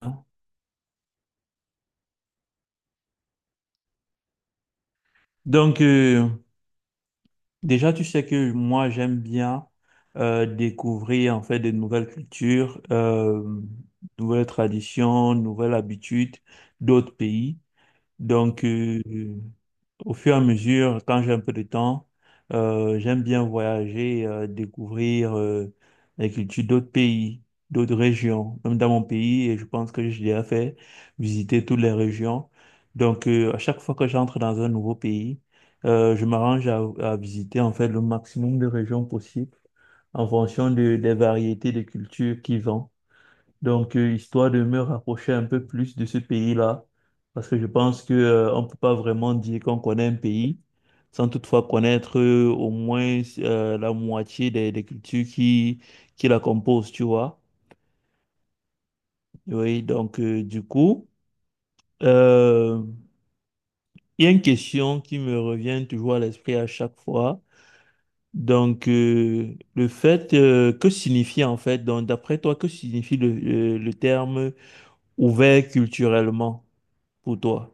Hein? Donc, euh, Déjà, tu sais que moi, j'aime bien découvrir en fait de nouvelles cultures, nouvelles traditions, nouvelles habitudes d'autres pays. Donc, euh, Au fur et à mesure, quand j'ai un peu de temps, j'aime bien voyager, découvrir la culture d'autres pays, d'autres régions, même dans mon pays, et je pense que j'ai déjà fait visiter toutes les régions. À chaque fois que j'entre dans un nouveau pays, je m'arrange à visiter en fait le maximum de régions possibles en fonction des variétés de cultures qu'ils ont. Histoire de me rapprocher un peu plus de ce pays-là, parce que je pense que, on peut pas vraiment dire qu'on connaît un pays sans toutefois connaître au moins la moitié des cultures qui la composent, tu vois. Oui, donc, du coup, euh, il y a une question qui me revient toujours à l'esprit à chaque fois. Que signifie en fait, donc, d'après toi, que signifie le terme ouvert culturellement pour toi?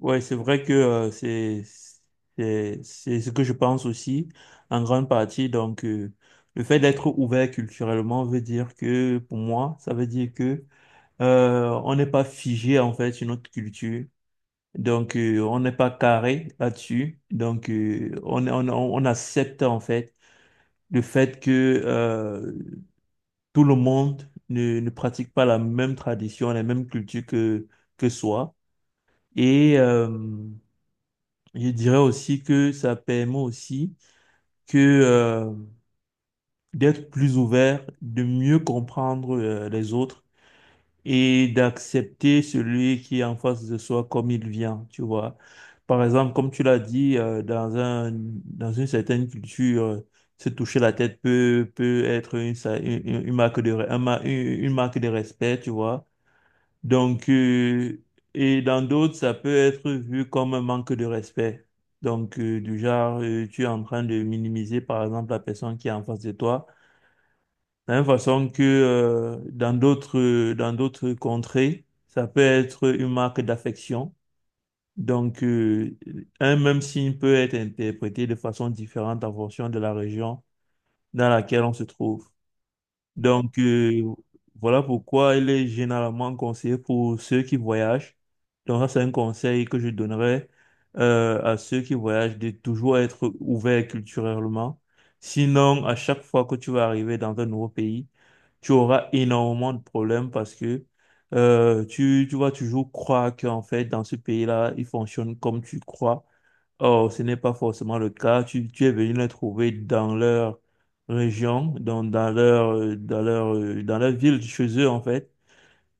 Ouais, c'est vrai que c'est ce que je pense aussi en grande partie. Le fait d'être ouvert culturellement veut dire que pour moi, ça veut dire que on n'est pas figé en fait sur notre culture. On n'est pas carré là-dessus. On accepte en fait le fait que euh, tout le monde ne pratique pas la même tradition, la même culture que soi. Et je dirais aussi que ça permet aussi que d'être plus ouvert, de mieux comprendre les autres et d'accepter celui qui est en face de soi comme il vient, tu vois. Par exemple, comme tu l'as dit, dans une certaine culture, se toucher la tête peut être une marque de, re- un ma- une marque de respect, tu vois. Donc, euh, et dans d'autres, ça peut être vu comme un manque de respect. Du genre, tu es en train de minimiser, par exemple, la personne qui est en face de toi. De la même façon que dans d'autres contrées, ça peut être une marque d'affection. Donc, euh, un même signe peut être interprété de façon différente en fonction de la région dans laquelle on se trouve. Donc, euh, voilà pourquoi il est généralement conseillé pour ceux qui voyagent. Donc, ça, c'est un conseil que je donnerais à ceux qui voyagent de toujours être ouvert culturellement. Sinon, à chaque fois que tu vas arriver dans un nouveau pays, tu auras énormément de problèmes parce que tu vas toujours croire qu'en fait, dans ce pays-là, il fonctionne comme tu crois. Or, ce n'est pas forcément le cas. Tu es venu les trouver dans leur région, dans leur, dans leur, dans leur ville, chez eux, en fait.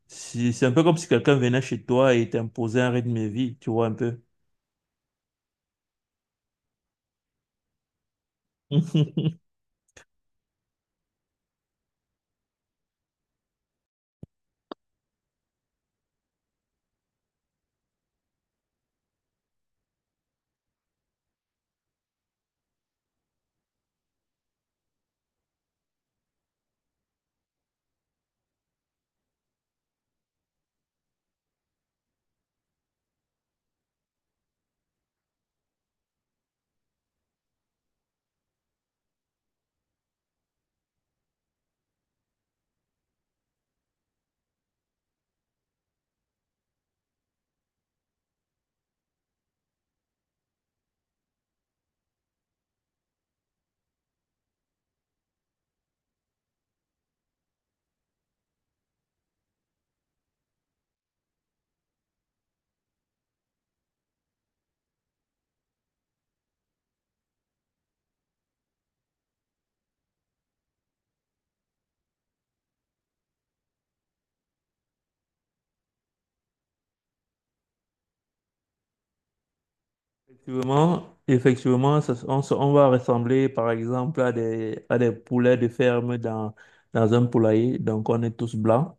C'est un peu comme si quelqu'un venait chez toi et t'imposait un rythme de vie, tu vois, un peu. Effectivement, on va ressembler, par exemple, à des poulets de ferme dans un poulailler. Donc, on est tous blancs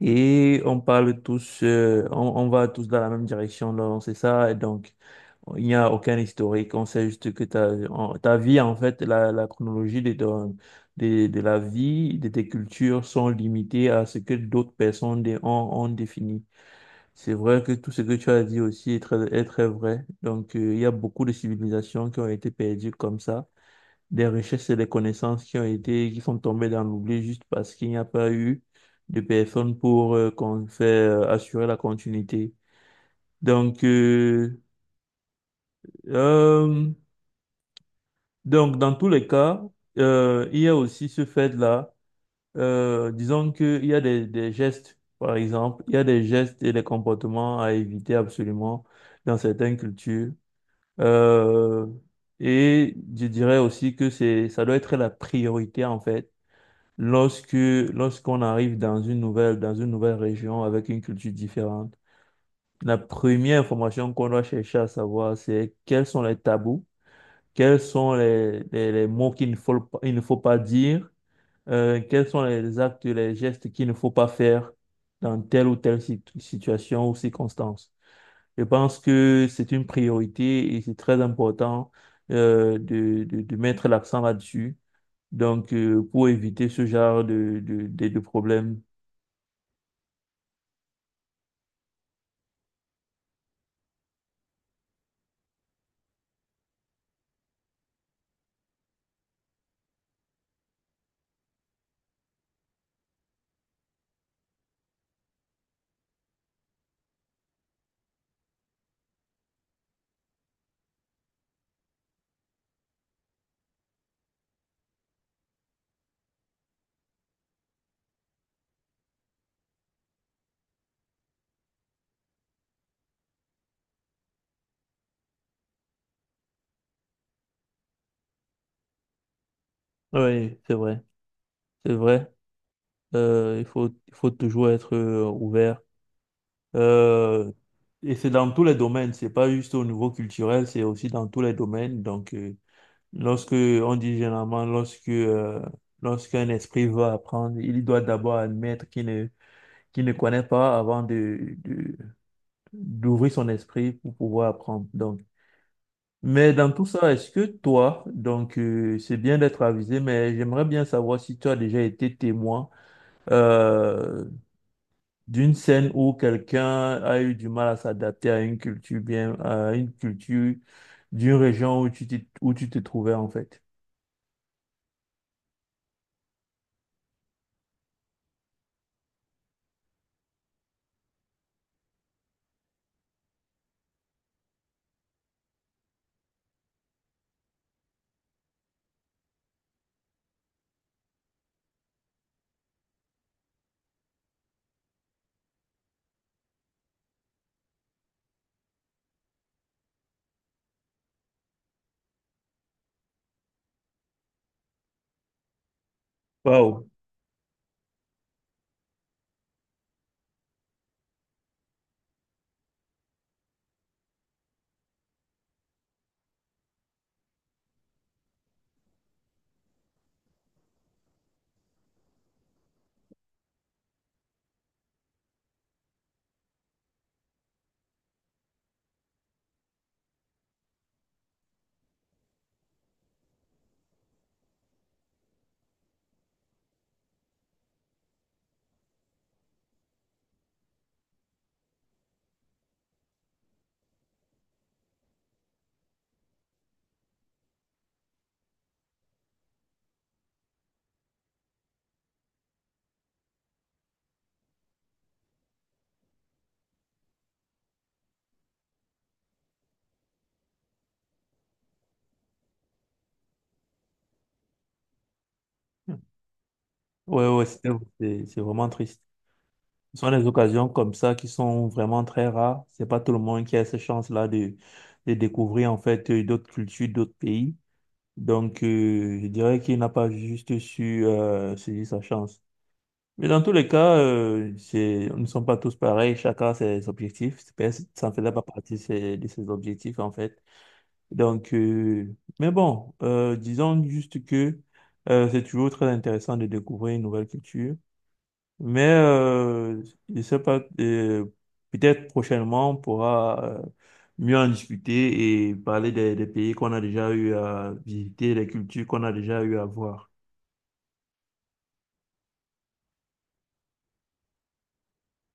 et on parle tous, on va tous dans la même direction. Donc, c'est ça. Et donc, il n'y a aucun historique. On sait juste que ta vie, en fait, la chronologie de la vie, de tes cultures sont limitées à ce que d'autres personnes ont défini. C'est vrai que tout ce que tu as dit aussi est est très vrai. Il y a beaucoup de civilisations qui ont été perdues comme ça, des richesses et des connaissances qui ont qui sont tombées dans l'oubli juste parce qu'il n'y a pas eu de personnes pour qu'on fait, assurer la continuité. Donc, euh, euh, Donc, dans tous les cas, il y a aussi ce fait-là. Disons qu'il y a des gestes, par exemple, il y a des gestes et des comportements à éviter absolument dans certaines cultures. Euh, et je dirais aussi que c'est, ça doit être la priorité, en fait, lorsqu'on arrive dans une nouvelle région avec une culture différente. La première information qu'on doit chercher à savoir, c'est quels sont les tabous, quels sont les mots qu'il ne faut, pas- il ne faut pas dire? Quels sont les actes, les gestes qu'il ne faut pas faire dans telle ou telle situation ou circonstance? Je pense que c'est une priorité et c'est très important de mettre l'accent là-dessus. Pour éviter ce genre de problèmes. Oui, c'est vrai. C'est vrai. Il faut toujours être ouvert. Euh, et c'est dans tous les domaines, c'est pas juste au niveau culturel, c'est aussi dans tous les domaines. Lorsque on dit généralement, lorsque lorsqu'un esprit veut apprendre, il doit d'abord admettre qu'il ne connaît pas avant d'ouvrir son esprit pour pouvoir apprendre. Donc, mais dans tout ça, est-ce que toi, donc c'est bien d'être avisé, mais j'aimerais bien savoir si tu as déjà été témoin euh, d'une scène où quelqu'un a eu du mal à s'adapter à une culture d'une région où où tu te trouvais en fait. Waouh. Ouais, ouais, c'est c'est vraiment triste. Ce sont des occasions comme ça qui sont vraiment très rares. C'est pas tout le monde qui a cette chance-là de découvrir en fait d'autres cultures, d'autres pays. Je dirais qu'il n'a pas juste su saisir sa chance. Mais dans tous les cas, nous ne sommes pas tous pareils, chacun a ses objectifs. Ça ne faisait pas partie de ses objectifs, en fait. Donc, euh, mais bon, disons juste que c'est toujours très intéressant de découvrir une nouvelle culture. Mais je ne sais pas, peut-être prochainement, on pourra mieux en discuter et parler des pays qu'on a déjà eu à visiter, des cultures qu'on a déjà eu à voir.